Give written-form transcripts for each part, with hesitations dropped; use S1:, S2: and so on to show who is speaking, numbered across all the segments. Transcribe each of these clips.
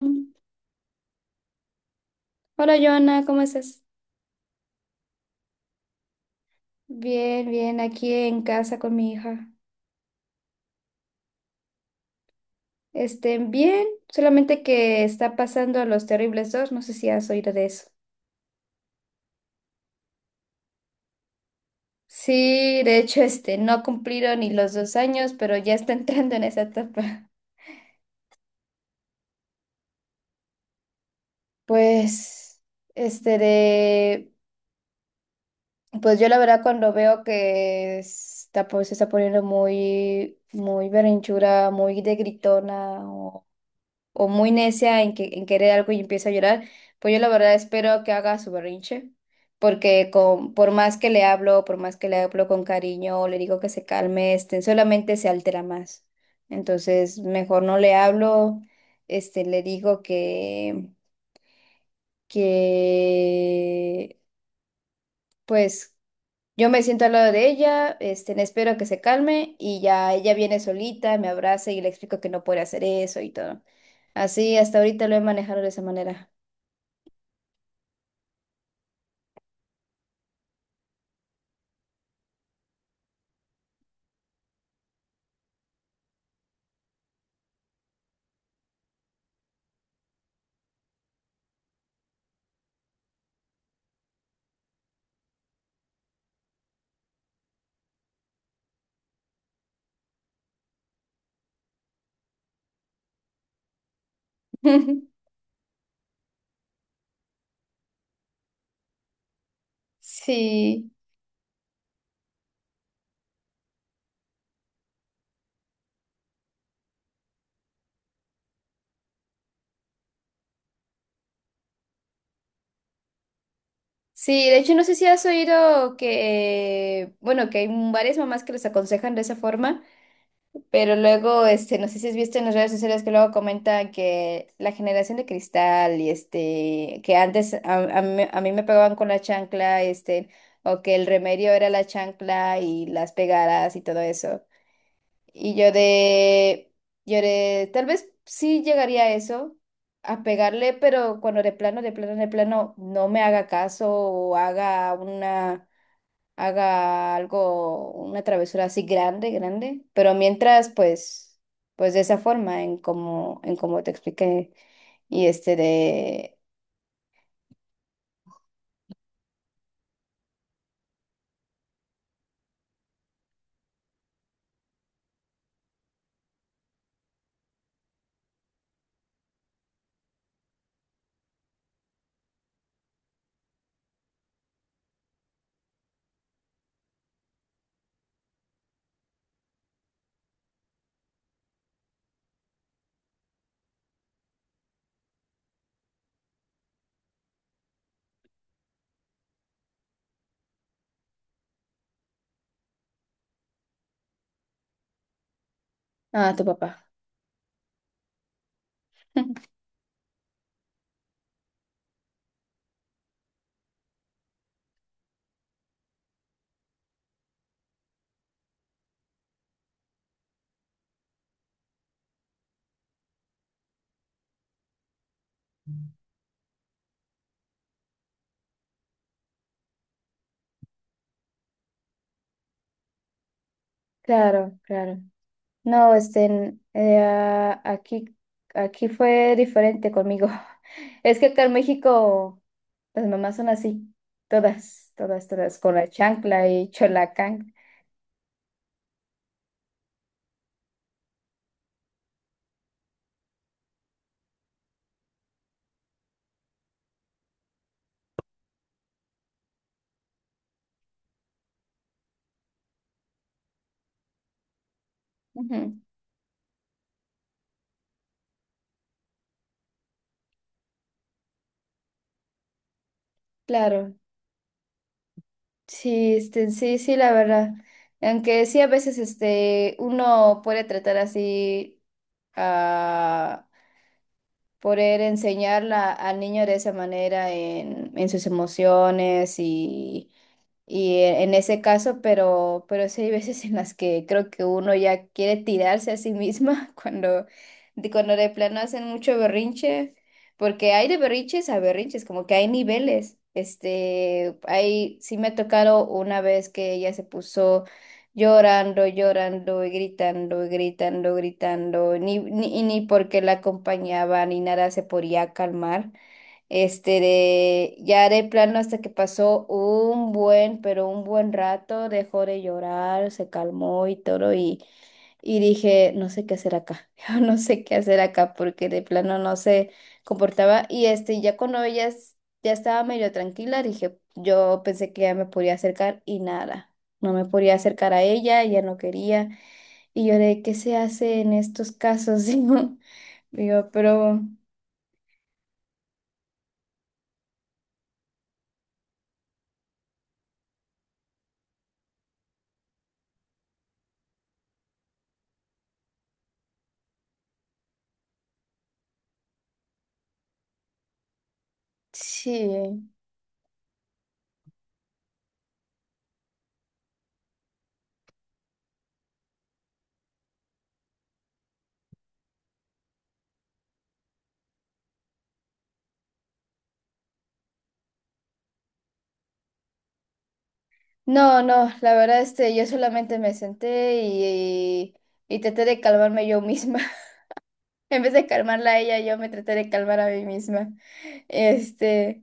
S1: Hola, Joana, ¿cómo estás? Bien, bien, aquí en casa con mi hija. Bien, solamente que está pasando Los Terribles dos, no sé si has oído de eso. Sí, de hecho, no cumplieron ni los dos años, pero ya está entrando en esa etapa. Pues, este de, pues yo la verdad cuando veo que está, pues, se está poniendo muy, muy berrinchuda, muy de gritona o muy necia en querer algo y empieza a llorar, pues yo la verdad espero que haga su berrinche, porque con, por más que le hablo, por más que le hablo con cariño, le digo que se calme, solamente se altera más. Entonces, mejor no le hablo, le digo que, pues... Yo me siento al lado de ella, le espero que se calme y ya ella viene solita, me abraza y le explico que no puede hacer eso y todo. Así hasta ahorita lo he manejado de esa manera. Sí, sí, de hecho no sé si has oído que, bueno, que hay varias mamás que les aconsejan de esa forma, pero luego, no sé si has visto en las redes sociales que luego comentan que la generación de cristal y que antes a, a mí me pegaban con la chancla, o que el remedio era la chancla y las pegadas y todo eso. Y yo de, Tal vez sí llegaría a eso, a pegarle, pero cuando de plano, de plano, de plano, no me haga caso o haga algo, una travesura así grande, grande. Pero mientras, pues, de esa forma, en como te expliqué, y este de, ah, tu papá. Claro, claro. No, aquí, aquí fue diferente conmigo. Es que acá en México las mamás son así, todas, todas, todas, con la chancla y cholacán. Ujú. Claro, sí, sí, sí, la verdad. Aunque sí a veces uno puede tratar así a poder enseñarla al niño de esa manera en sus emociones. Y en ese caso, pero sí hay veces en las que creo que uno ya quiere tirarse a sí misma cuando, cuando de plano hacen mucho berrinche, porque hay de berrinches a berrinches, como que hay niveles. Sí me ha tocado una vez que ella se puso llorando, llorando y gritando, gritando, ni, ni, y ni porque la acompañaba ni nada se podía calmar. Este de Ya de plano hasta que pasó un buen, pero un buen rato, dejó de llorar, se calmó y todo, y dije, no sé qué hacer acá, yo no sé qué hacer acá, porque de plano no se comportaba. Ya cuando ella ya estaba medio tranquila, dije, yo pensé que ya me podía acercar y nada, no me podía acercar a ella, ella no quería. ¿Qué se hace en estos casos? Digo, pero sí. No, no, la verdad, yo solamente me senté y, y traté de calmarme yo misma. En vez de calmarla a ella, yo me traté de calmar a mí misma. Este,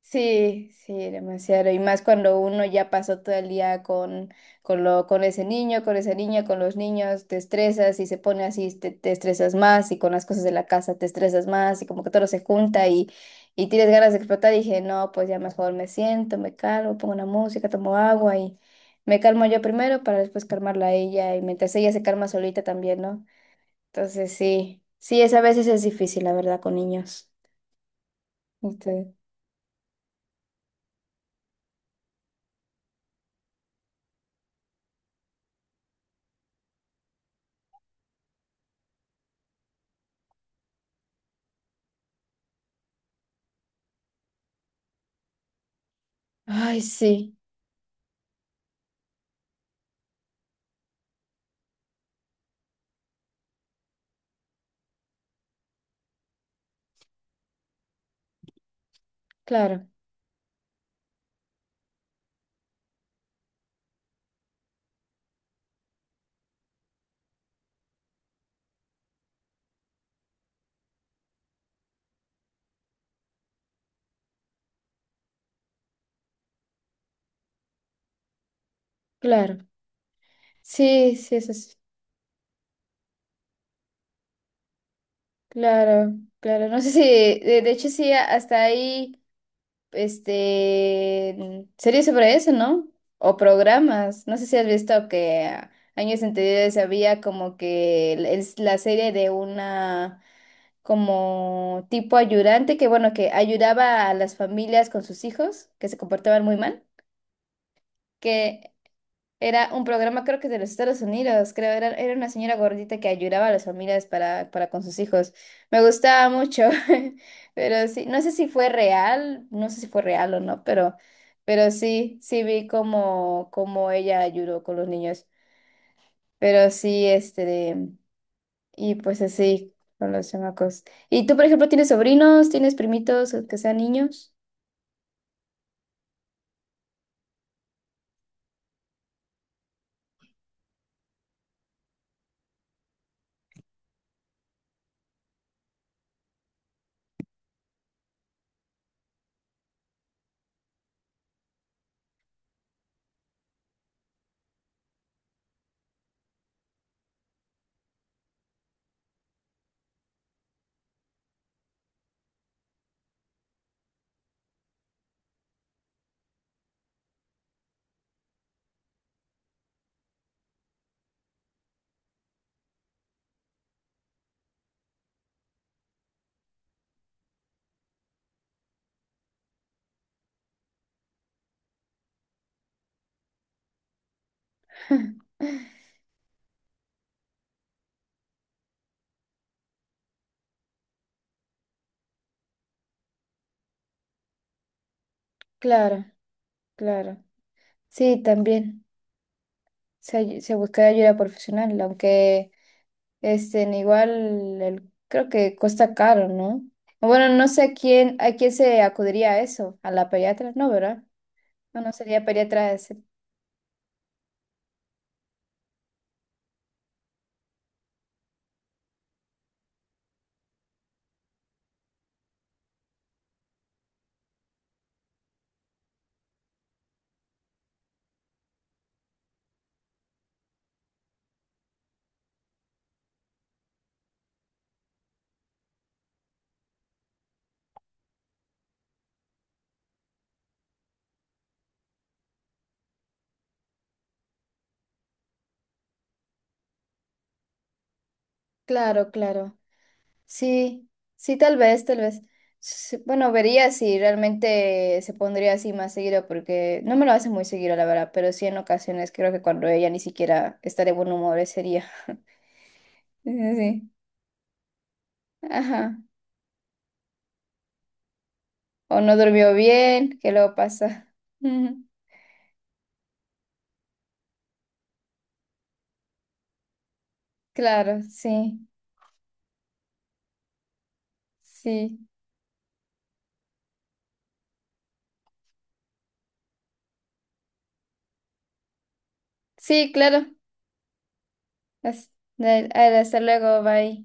S1: Sí, sí, demasiado. Y más cuando uno ya pasó todo el día con, con ese niño, con esa niña, con los niños, te estresas y se pone así, te estresas más y con las cosas de la casa te estresas más y como que todo se junta y tienes ganas de explotar. Y dije, no, pues ya mejor me siento, me calmo, pongo una música, tomo agua y me calmo yo primero para después calmarla a ella y mientras ella se calma solita también, ¿no? Entonces sí, sí, es a veces es difícil, la verdad, con niños. Este, Ay, sí, claro. Claro, sí, sí, eso es, claro, claro, no sé si, de hecho sí, hasta ahí series sobre eso, ¿no? O programas, no sé si has visto que ah, años anteriores había como que la serie de una, como tipo ayudante, que bueno, que ayudaba a las familias con sus hijos, que se comportaban muy mal. Era un programa, creo que de los Estados Unidos, creo, era una señora gordita que ayudaba a las familias para con sus hijos. Me gustaba mucho, pero sí, no sé si fue real, no sé si fue real o no, pero, sí, sí vi cómo ella ayudó con los niños. Pero sí, y pues así, con los chamacos. ¿Y tú, por ejemplo, tienes sobrinos, tienes primitos que sean niños? Claro, claro. Sí, también. Se busca ayuda profesional, aunque... En igual creo que cuesta caro, ¿no? Bueno, no sé a quién se acudiría a eso, a la pediatra, no, ¿verdad? No, no sería pediatra ese. Claro, claro. Sí, sí, tal vez, tal vez. Sí, bueno, vería si realmente se pondría así más seguido, porque no me lo hace muy seguido, la verdad, pero sí en ocasiones creo que cuando ella ni siquiera está de buen humor ese día. Sí, sí, sí. Ajá. O no durmió bien, ¿qué luego pasa? Claro, sí. Sí, sí, claro. Has- Dale, hasta luego, bye.